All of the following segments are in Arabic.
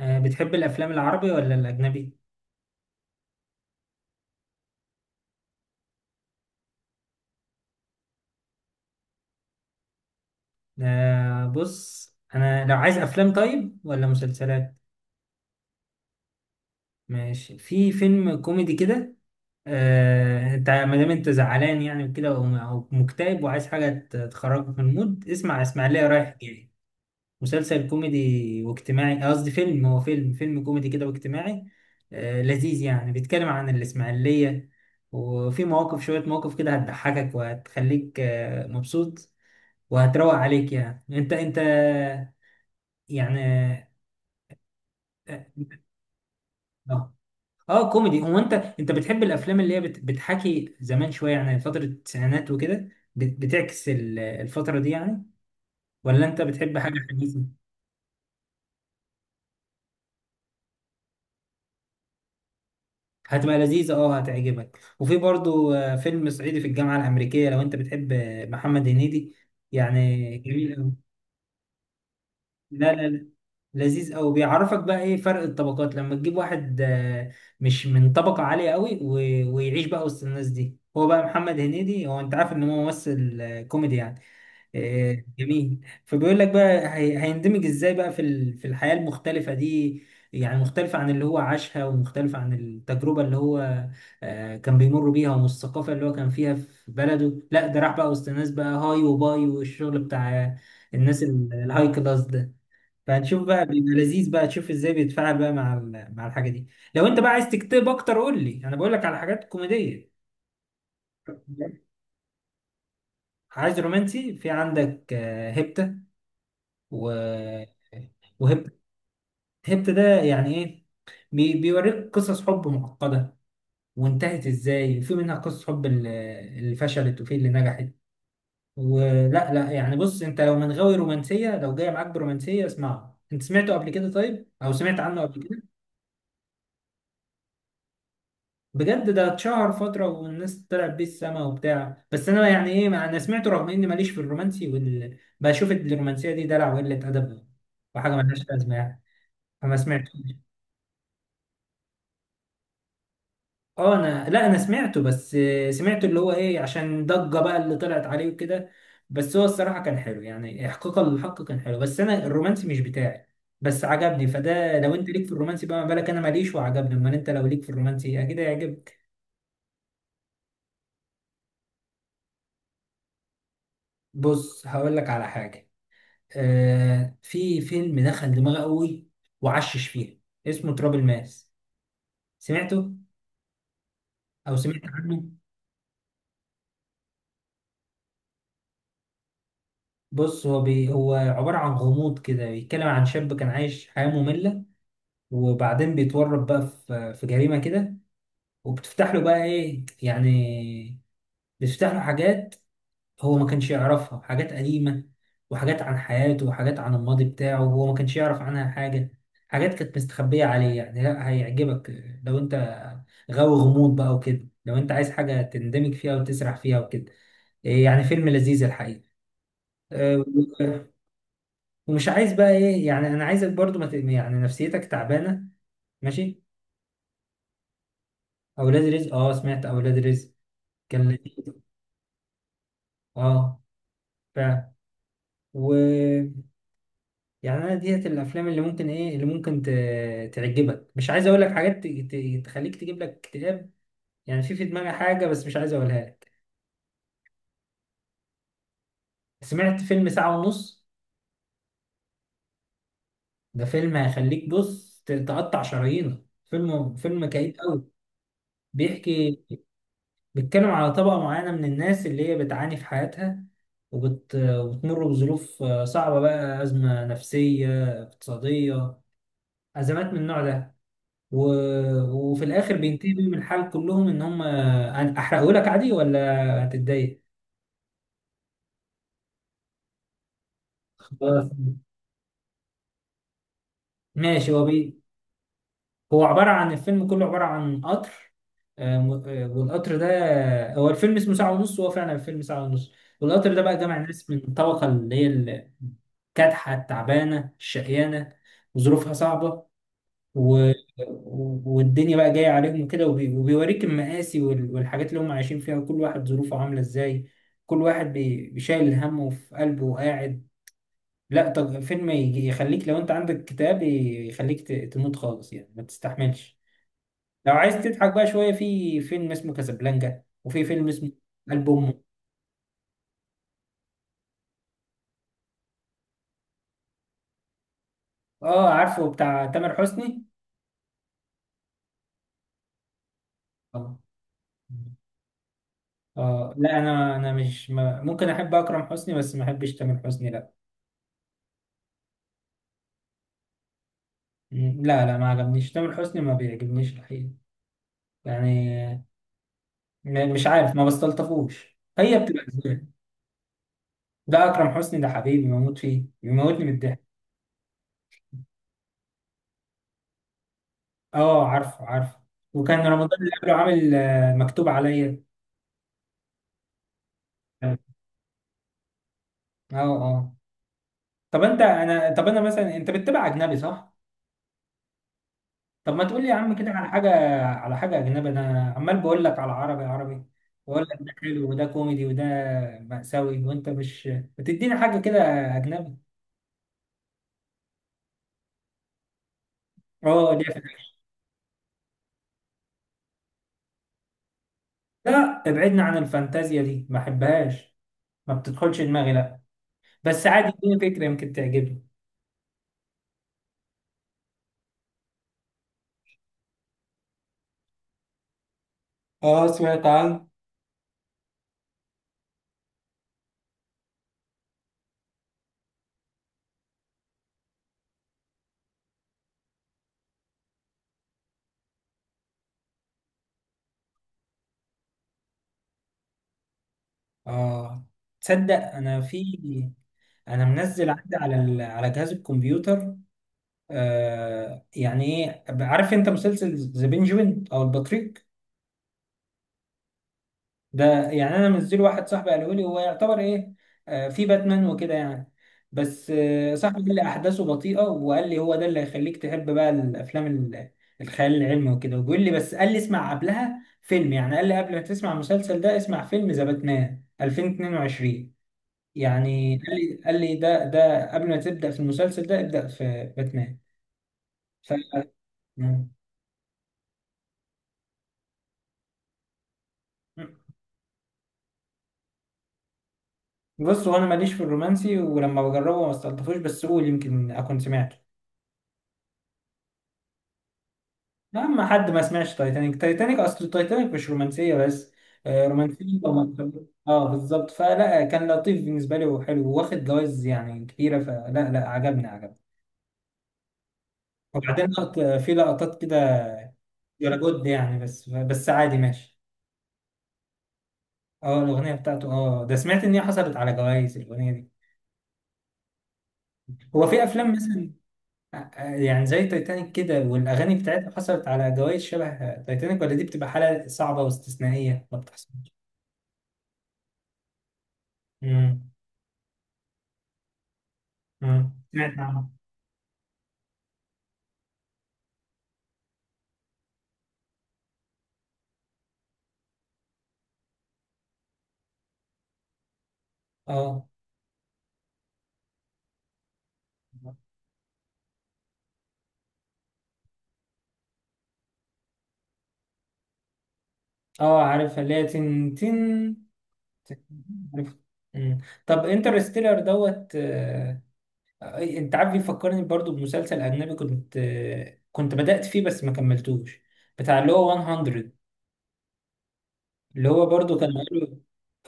بتحب الافلام العربي ولا الاجنبي؟ بص انا لو عايز افلام، طيب ولا مسلسلات؟ ماشي، في فيلم كوميدي كده. انت ما دام انت زعلان يعني وكده او مكتئب وعايز حاجه تخرجك من المود، اسمع اسماعيليه رايح جاي. مسلسل كوميدي واجتماعي، قصدي فيلم، هو فيلم كوميدي كده واجتماعي. لذيذ يعني، بيتكلم عن الاسماعيليه. وفي مواقف، شويه مواقف كده هتضحكك وهتخليك مبسوط. وهتروق عليك يعني. انت يعني. اه، اه كوميدي. هو انت بتحب الافلام اللي هي بتحكي زمان، شويه يعني فتره التسعينات وكده، بتعكس الفتره دي يعني؟ ولا انت بتحب حاجه حديثه؟ هتبقى لذيذه، اه هتعجبك. وفي برضو فيلم صعيدي في الجامعه الامريكيه لو انت بتحب محمد هنيدي. يعني جميل قوي. لا لا لا، لذيذ قوي. بيعرفك بقى ايه فرق الطبقات لما تجيب واحد مش من طبقة عالية قوي ويعيش بقى وسط الناس دي. هو بقى محمد هنيدي، هو انت عارف ان هو ممثل كوميدي يعني، جميل. فبيقول لك بقى هيندمج ازاي بقى في في الحياة المختلفة دي، يعني مختلفة عن اللي هو عاشها ومختلفة عن التجربة اللي هو كان بيمر بيها، ومن الثقافة اللي هو كان فيها في بلده. لا، ده راح بقى وسط الناس بقى هاي وباي والشغل بتاع الناس الهاي كلاس ده. فهنشوف بقى، بيبقى لذيذ بقى، تشوف ازاي بيتفاعل بقى مع مع الحاجه دي. لو انت بقى عايز تكتب اكتر قول لي، انا بقول لك على حاجات كوميديه. عايز رومانسي؟ في عندك هيبتا و وهيبتا هيبتا ده يعني ايه؟ بيوريك قصص حب معقده، وانتهت ازاي، وفي منها قصص حب اللي فشلت وفي اللي نجحت ولا لا. يعني بص، انت لو من غاوي رومانسيه، لو جاي معاك برومانسيه اسمعه. انت سمعته قبل كده طيب، او سمعت عنه قبل كده؟ بجد ده اتشهر فترة والناس طلعت بيه السما وبتاع، بس أنا يعني إيه، مع أنا سمعته رغم إني ماليش في الرومانسي بشوف الرومانسية دي دلع وقلة أدب وحاجة ملهاش لازمة يعني. فما سمعتوش. أه أنا لا، أنا سمعته. بس سمعته اللي هو إيه، عشان ضجة بقى اللي طلعت عليه وكده. بس هو الصراحة كان حلو يعني، إحقاقا للحق كان حلو، بس أنا الرومانسي مش بتاعي. بس عجبني، فده لو أنت ليك في الرومانسي بقى، ما بالك أنا ماليش وعجبني؟ أمال أنت لو ليك في الرومانسي أكيد هيعجبك. بص هقول لك على حاجة، في فيلم دخل دماغي قوي وعشش فيها، اسمه تراب الماس. سمعته او سمعت عنه؟ بص هو هو عبارة عن غموض كده، بيتكلم عن شاب كان عايش حياة مملة، وبعدين بيتورط بقى في جريمة كده، وبتفتح له بقى ايه يعني، بتفتح له حاجات هو ما كانش يعرفها، حاجات قديمة وحاجات عن حياته وحاجات عن الماضي بتاعه وهو ما كانش يعرف عنها حاجة، حاجات كانت مستخبية عليه يعني. لا هيعجبك لو انت غاوي غموض بقى وكده، لو انت عايز حاجة تندمج فيها وتسرح فيها وكده. إيه يعني، فيلم لذيذ الحقيقة. أه، و- ومش عايز بقى ايه يعني، انا عايزك برضو ما يعني نفسيتك تعبانة. ماشي. اولاد رزق، اه سمعت اولاد رزق، كان لذيذ. اه فعلا. يعني انا ديت الافلام اللي ممكن ايه، اللي ممكن تعجبك. مش عايز اقول لك حاجات تخليك تجيب لك اكتئاب. يعني في دماغي حاجه بس مش عايز اقولها لك. سمعت فيلم ساعه ونص؟ ده فيلم هيخليك بص تقطع شرايينك، فيلم كئيب قوي. بيحكي، بيتكلم على طبقه معينه من الناس اللي هي بتعاني في حياتها، وبتمر بظروف صعبه بقى، ازمه نفسيه، اقتصاديه، ازمات من النوع ده، و... وفي الاخر بينتهي بيهم الحال كلهم ان هم. احرقه لك عادي ولا هتتضايق؟ خلاص ماشي. هو عباره عن، الفيلم كله عباره عن قطر، والقطر ده هو الفيلم اسمه ساعه ونص، وهو فعلا الفيلم ساعه ونص. والقطر ده بقى جمع ناس من الطبقه اللي هي كادحه، التعبانه، الشقيانه، وظروفها صعبه، و... والدنيا بقى جاية عليهم كده، وبيوريك المآسي والحاجات اللي هم عايشين فيها، وكل واحد ظروفه عاملة ازاي، كل واحد بيشايل همه في قلبه وقاعد. لا طب فيلم يخليك، لو انت عندك كتاب يخليك تموت خالص يعني ما تستحملش. لو عايز تضحك بقى شوية، في فيلم اسمه كازابلانكا، وفي فيلم اسمه قلب أمه. اه عارفه، بتاع تامر حسني. اه اه لا، انا مش ما... ممكن احب اكرم حسني بس ما احبش تامر حسني، لا. مم. لا لا، ما عجبنيش تامر حسني، ما بيعجبنيش الحقيقة يعني. مش عارف، ما بستلطفوش، هي بتبقى ازاي. ده أكرم حسني، ده حبيبي بموت فيه، بيموتني من الضحك. اه عارفه. وكان رمضان اللي قبله عامل مكتوب عليا. اه، اه. طب انت انا طب انا مثلا، انت بتتابع اجنبي صح؟ طب ما تقول لي يا عم كده على حاجة، على حاجة اجنبي. انا عمال بقول لك على عربي واقول لك ده حلو وده كوميدي وده مأساوي، وانت مش بتديني حاجة كده اجنبي. اه ليه. لا ابعدنا عن الفانتازيا دي، ما احبهاش، ما بتدخلش دماغي، لا. بس عادي اديني فكرة يمكن تعجبني. اه سمعت عنه. اه تصدق انا انا منزل عندي على على جهاز الكمبيوتر. يعني ايه، عارف انت مسلسل ذا بنجوين او البطريق؟ ده يعني انا منزله، واحد صاحبي قاله لي هو يعتبر ايه، في باتمان وكده يعني. بس صاحبي قال لي احداثه بطيئه، وقال لي هو ده اللي هيخليك تحب بقى الافلام الخيال العلمي وكده، وبيقول لي، بس قال لي اسمع قبلها فيلم يعني، قال لي قبل ما تسمع المسلسل ده اسمع فيلم ذا باتمان 2022. يعني قال لي، قال لي ده قبل ما تبدا في المسلسل ده ابدا في باتمان. ف مم. بص هو انا ماليش في الرومانسي ولما بجربه ما استلطفوش، بس قول يمكن اكون سمعت. لا، ما حد ما سمعش تايتانيك. تايتانيك اصل تايتانيك مش رومانسيه بس، رومانسيه ومكتوب. اه بالظبط، فلا كان لطيف بالنسبه لي وحلو، واخد جوائز يعني كتيره، فلا لا، عجبني. وبعدين في لقطات كده ولا جد يعني، بس عادي ماشي. اه الاغنيه بتاعته، اه ده سمعت ان هي حصلت على جوائز الاغنيه دي. هو في افلام مثلا، يعني زي تايتانيك كده والاغاني بتاعتها حصلت على جوائز شبه تايتانيك، ولا دي بتبقى حاله صعبه واستثنائيه ما بتحصلش؟ امم، سمعت عنها. اه اه عارفها، اللي هي تن تن، تن- عارف. مم. طب انترستيلر دوت انت عارف بيفكرني برضو بمسلسل اجنبي كنت كنت بدأت فيه بس ما كملتوش، بتاع اللي هو 100، اللي هو برضو كانوا قالوا،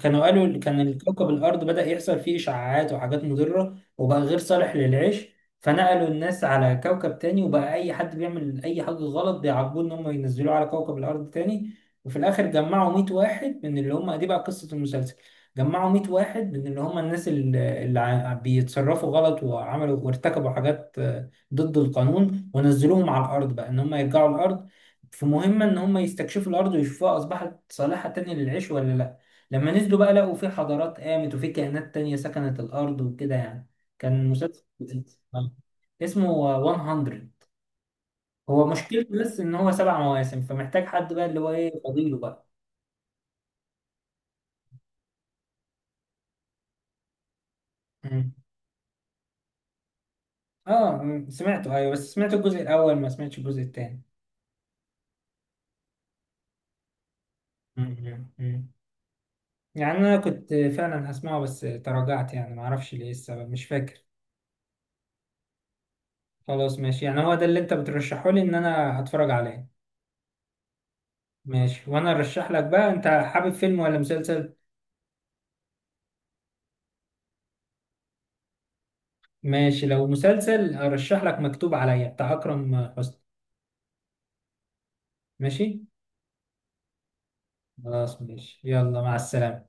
كانوا قالوا كان الكوكب الأرض بدأ يحصل فيه إشعاعات وحاجات مضرة وبقى غير صالح للعيش، فنقلوا الناس على كوكب تاني، وبقى أي حد بيعمل أي حاجة غلط بيعاقبوه إن هم ينزلوه على كوكب الأرض تاني. وفي الآخر جمعوا 100 واحد من اللي هم، دي بقى قصة المسلسل، جمعوا 100 واحد من اللي هم الناس اللي بيتصرفوا غلط وعملوا وارتكبوا حاجات ضد القانون، ونزلوهم على الأرض بقى إن هم يرجعوا الأرض في مهمة إن هم يستكشفوا الأرض ويشوفوها أصبحت صالحة تاني للعيش ولا لأ. لما نزلوا بقى لقوا في حضارات قامت وفي كائنات تانية سكنت الأرض وكده يعني. كان مسلسل لذيذ. آه. اسمه 100. هو مشكلته بس إن هو سبع مواسم، فمحتاج حد بقى اللي هو إيه، فضيله بقى. مم. آه مم، سمعته أيوه، بس سمعت الجزء الأول ما سمعتش الجزء التاني. مم، مم، مم. يعني أنا كنت فعلا هسمعه بس تراجعت يعني، معرفش ليه السبب، مش فاكر. خلاص ماشي، يعني هو ده اللي أنت بترشحه لي إن أنا أتفرج عليه. ماشي، وانا ارشح لك بقى، انت حابب فيلم ولا مسلسل؟ ماشي، لو مسلسل ارشح لك مكتوب عليا بتاع اكرم حسني. ماشي. خلاص ماشي، يلا مع السلامة.